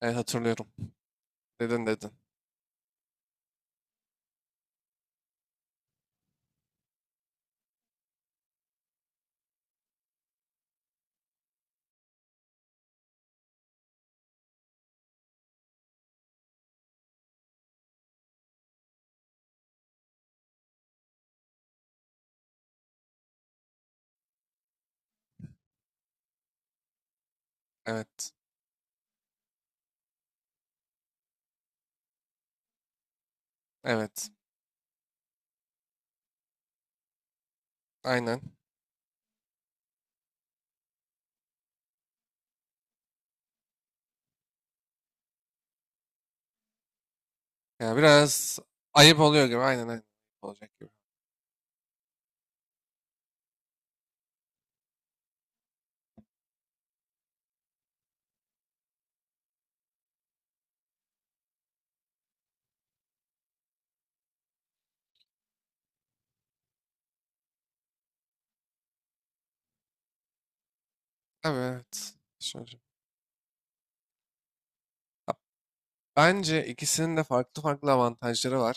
Evet hatırlıyorum. Dedin dedin. Evet. Evet. Aynen. Ya biraz ayıp oluyor gibi. Aynen aynen. Olacak gibi. Tabii evet. Şöyle. Bence ikisinin de farklı farklı avantajları var.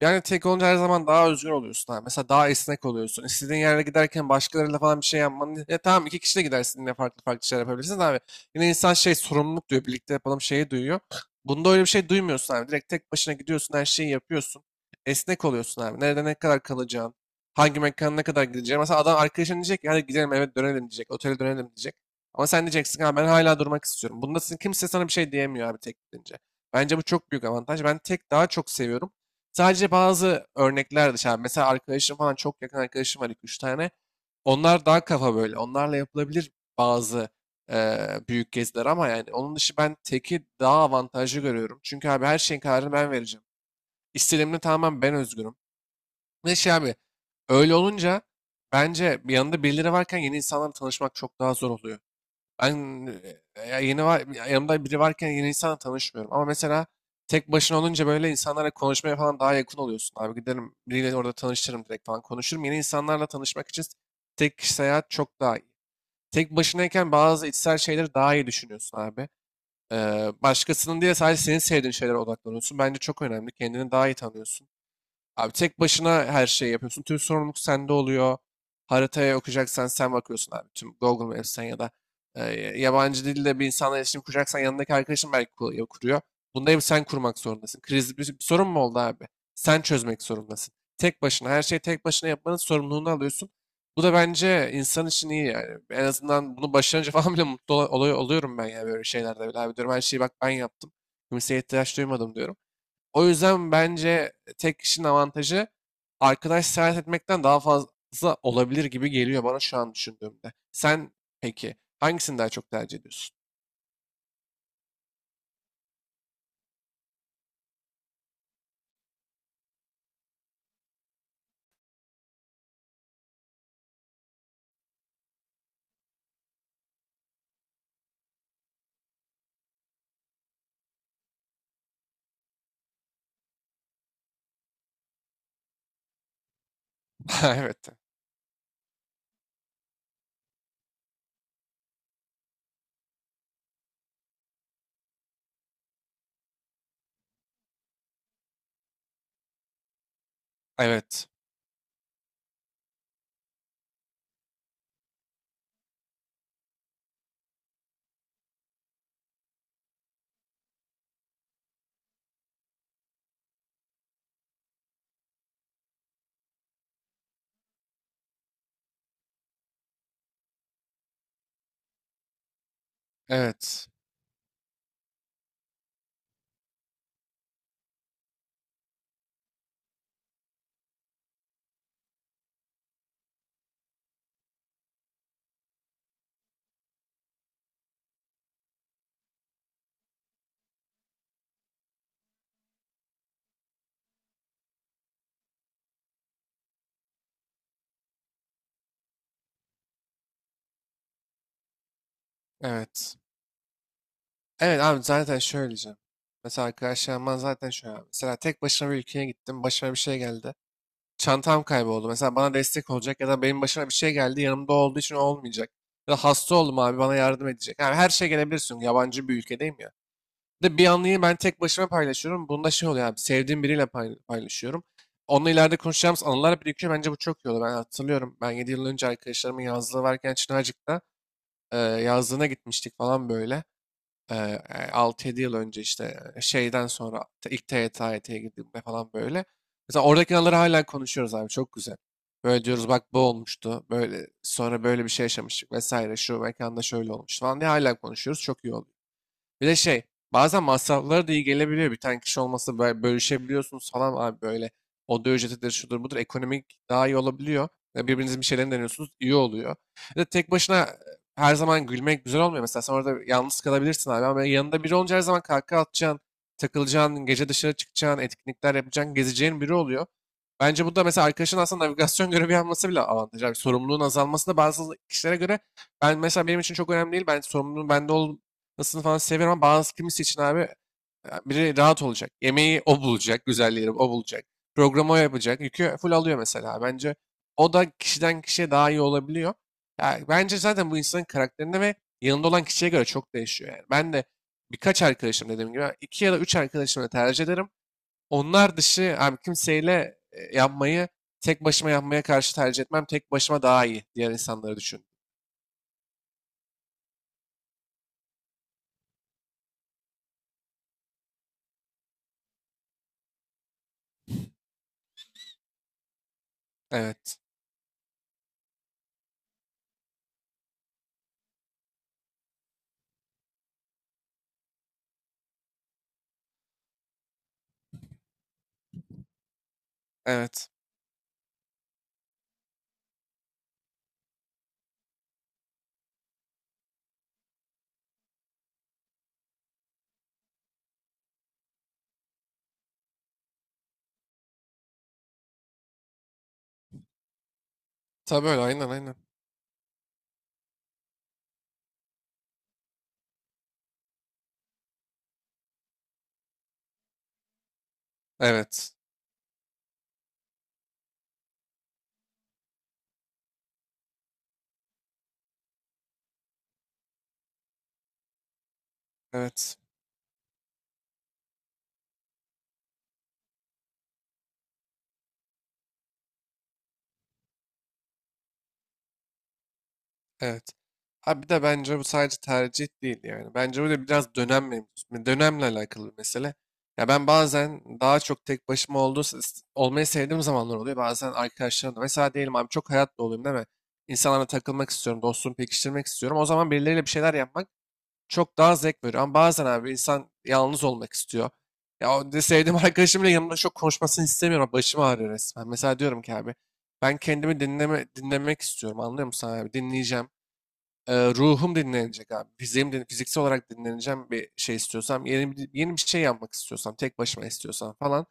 Yani tek olunca her zaman daha özgür oluyorsun. Ha. Mesela daha esnek oluyorsun. İstediğin yerde giderken başkalarıyla falan bir şey yapman. Ya tamam iki kişi de gidersin yine farklı farklı şeyler yapabilirsiniz abi. Yine insan şey sorumluluk diyor. Birlikte yapalım şeyi duyuyor. Bunda öyle bir şey duymuyorsun abi. Direkt tek başına gidiyorsun her şeyi yapıyorsun. Esnek oluyorsun abi. Nerede ne kadar kalacağın. Hangi mekana ne kadar gideceğin. Mesela adam arkadaşın diyecek ki hadi gidelim eve dönelim diyecek. Otele dönelim diyecek. Ama sen diyeceksin abi ben hala durmak istiyorum. Bunda kimse sana bir şey diyemiyor abi tek gidince. Bence bu çok büyük avantaj. Ben tek daha çok seviyorum. Sadece bazı örnekler dışarı. Mesela arkadaşım falan çok yakın arkadaşım var 2-3 tane. Onlar daha kafa böyle. Onlarla yapılabilir bazı büyük geziler ama yani onun dışı ben teki daha avantajlı görüyorum. Çünkü abi her şeyin kararını ben vereceğim. İstediğimde tamamen ben özgürüm. Ne şey abi öyle olunca bence bir yanında birileri varken yeni insanlarla tanışmak çok daha zor oluyor. Ben ya yeni var, yanımda biri varken yeni insanla tanışmıyorum. Ama mesela tek başına olunca böyle insanlarla konuşmaya falan daha yakın oluyorsun. Abi giderim biriyle orada tanışırım direkt falan konuşurum. Yeni insanlarla tanışmak için tek kişi seyahat çok daha iyi. Tek başınayken bazı içsel şeyleri daha iyi düşünüyorsun abi. Başkasının diye sadece senin sevdiğin şeylere odaklanıyorsun. Bence çok önemli. Kendini daha iyi tanıyorsun. Abi tek başına her şeyi yapıyorsun. Tüm sorumluluk sende oluyor. Haritaya okuyacaksan sen bakıyorsun abi. Tüm Google Maps'ten ya da e, yabancı dilde bir insanla iletişim kuracaksan yanındaki arkadaşın belki kuruyor. Bunda hep sen kurmak zorundasın. Kriz bir sorun mu oldu abi? Sen çözmek zorundasın. Tek başına her şeyi tek başına yapmanın sorumluluğunu alıyorsun. Bu da bence insan için iyi yani. En azından bunu başarınca falan bile mutlu oluyorum ben ya böyle şeylerde bile. Abi diyorum her şeyi bak ben yaptım. Kimseye ihtiyaç duymadım diyorum. O yüzden bence tek kişinin avantajı arkadaş seyahat etmekten daha fazla olabilir gibi geliyor bana şu an düşündüğümde. Sen peki hangisini daha çok tercih ediyorsun? Evet. Evet. Evet. Evet. Evet abi zaten şöyle diyeceğim. Mesela arkadaşlarımdan zaten şöyle abi. Mesela tek başına bir ülkeye gittim. Başıma bir şey geldi. Çantam kayboldu. Mesela bana destek olacak ya da benim başıma bir şey geldi. Yanımda olduğu için olmayacak. Ya da hasta oldum abi bana yardım edecek. Yani her şey gelebilirsin. Yabancı bir ülkedeyim ya. De bir anıyı ben tek başıma paylaşıyorum. Bunda şey oluyor abi sevdiğim biriyle paylaşıyorum. Onunla ileride konuşacağımız anılar birikiyor. Bence bu çok iyi oldu. Ben hatırlıyorum. Ben 7 yıl önce arkadaşlarımın yazlığı varken Çınarcık'ta yazlığına gitmiştik falan böyle. E, 6 yıl önce işte şeyden sonra ilk TYT, AYT'ye girdiğimde falan böyle. Mesela oradaki anıları hala konuşuyoruz abi çok güzel. Böyle diyoruz bak bu olmuştu. Böyle sonra böyle bir şey yaşamıştık vesaire. Şu mekanda şöyle olmuş falan diye hala konuşuyoruz. Çok iyi oluyor. Bir de şey bazen masrafları da iyi gelebiliyor. Bir tane kişi olması böyle bölüşebiliyorsunuz falan abi böyle. Oda ücretidir şudur budur ekonomik daha iyi olabiliyor. Ya birbirinizin bir şeylerini deniyorsunuz iyi oluyor. Bir de tek başına her zaman gülmek güzel olmuyor. Mesela sen orada yalnız kalabilirsin abi ama yanında biri olunca her zaman kahkaha atacaksın, takılacaksın, gece dışarı çıkacaksın, etkinlikler yapacaksın, gezeceğin biri oluyor. Bence bu da mesela arkadaşın aslında navigasyon görevi yapması bile avantaj. Yani sorumluluğun azalması da bazı kişilere göre ben mesela benim için çok önemli değil. Ben sorumluluğun bende ol, Nasıl falan seviyorum ama bazı kimisi için abi ya biri rahat olacak. Yemeği o bulacak, güzelleri o bulacak. Programı o yapacak. Yükü full alıyor mesela. Bence o da kişiden kişiye daha iyi olabiliyor. Ya bence zaten bu insanın karakterine ve yanında olan kişiye göre çok değişiyor yani. Ben de birkaç arkadaşım dediğim gibi iki ya da üç arkadaşımla tercih ederim. Onlar dışı abi kimseyle yapmayı tek başıma yapmaya karşı tercih etmem. Tek başıma daha iyi diğer insanları düşün. Evet. Evet. Tabii öyle aynen aynen. Evet. Evet. Evet. Ha bir de bence bu sadece tercih değil yani. Bence bu da biraz dönem mevzusu. Hani dönemle alakalı bir mesele. Ya ben bazen daha çok tek başıma olmayı sevdiğim zamanlar oluyor. Bazen arkadaşlarımla. Mesela diyelim abi çok hayat doluyum değil mi? İnsanlarla takılmak istiyorum, dostluğumu pekiştirmek istiyorum. O zaman birileriyle bir şeyler yapmak çok daha zevk veriyor. Ama bazen abi insan yalnız olmak istiyor. Ya o de sevdiğim arkadaşım bile yanımda çok konuşmasını istemiyorum. Başım ağrıyor resmen. Mesela diyorum ki abi ben kendimi dinlemek istiyorum. Anlıyor musun abi? Dinleyeceğim. Ruhum dinlenecek abi. Fiziksel olarak dinleneceğim bir şey istiyorsam, yeni bir şey yapmak istiyorsam, tek başıma istiyorsam falan.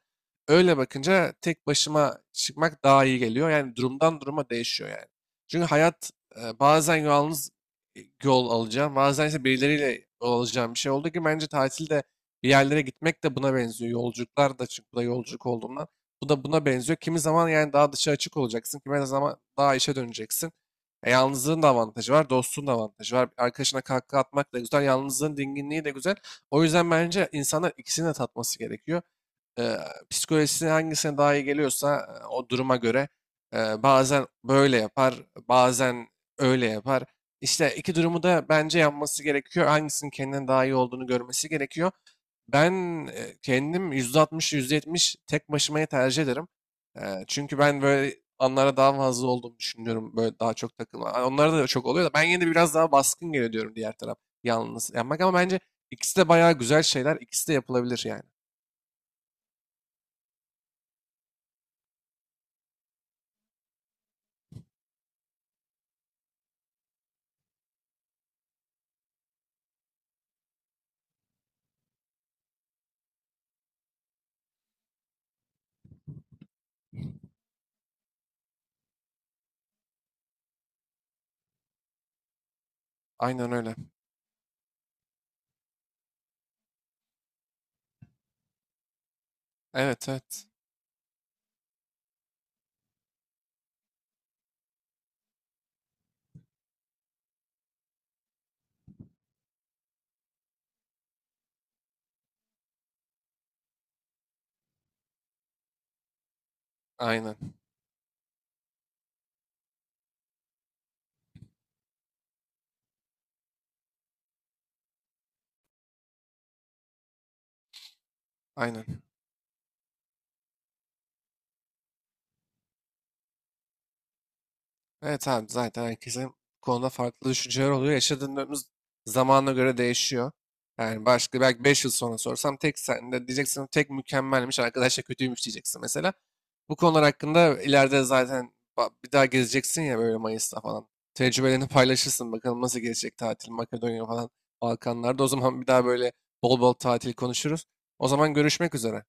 Öyle bakınca tek başıma çıkmak daha iyi geliyor. Yani durumdan duruma değişiyor yani. Çünkü hayat bazen yalnız yol alacağım, bazen ise birileriyle yol alacağım bir şey oldu ki bence tatilde bir yerlere gitmek de buna benziyor. Yolculuklar da çünkü bu da yolculuk olduğundan bu da buna benziyor. Kimi zaman yani daha dışa açık olacaksın, kimi zaman daha işe döneceksin. Yalnızlığın da avantajı var, dostluğun da avantajı var. Arkadaşına kahkaha atmak da güzel, yalnızlığın dinginliği de güzel. O yüzden bence insanlar ikisini de tatması gerekiyor e, psikolojisi hangisine daha iyi geliyorsa o duruma göre bazen böyle yapar, bazen öyle yapar. İşte iki durumu da bence yapması gerekiyor. Hangisinin kendine daha iyi olduğunu görmesi gerekiyor. Ben kendim %60, %70 tek başımayı tercih ederim. E, Çünkü ben böyle anlara daha fazla olduğumu düşünüyorum. Böyle daha çok takılma. Onlara da çok oluyor da ben yine de biraz daha baskın geliyor diyorum diğer taraf. Yalnız yapmak ama bence ikisi de bayağı güzel şeyler. İkisi de yapılabilir yani. Aynen öyle. Evet evet. Aynen. Aynen. Evet abi zaten herkesin bu konuda farklı düşünceler oluyor. Yaşadığımız zamana göre değişiyor. Yani başka belki 5 yıl sonra sorsam tek sen de diyeceksin tek mükemmelmiş arkadaşlar kötüymüş diyeceksin mesela. Bu konular hakkında ileride zaten bir daha gezeceksin ya böyle Mayıs'ta falan. Tecrübelerini paylaşırsın bakalım nasıl gelecek tatil Makedonya falan Balkanlarda. O zaman bir daha böyle bol bol tatil konuşuruz. O zaman görüşmek üzere.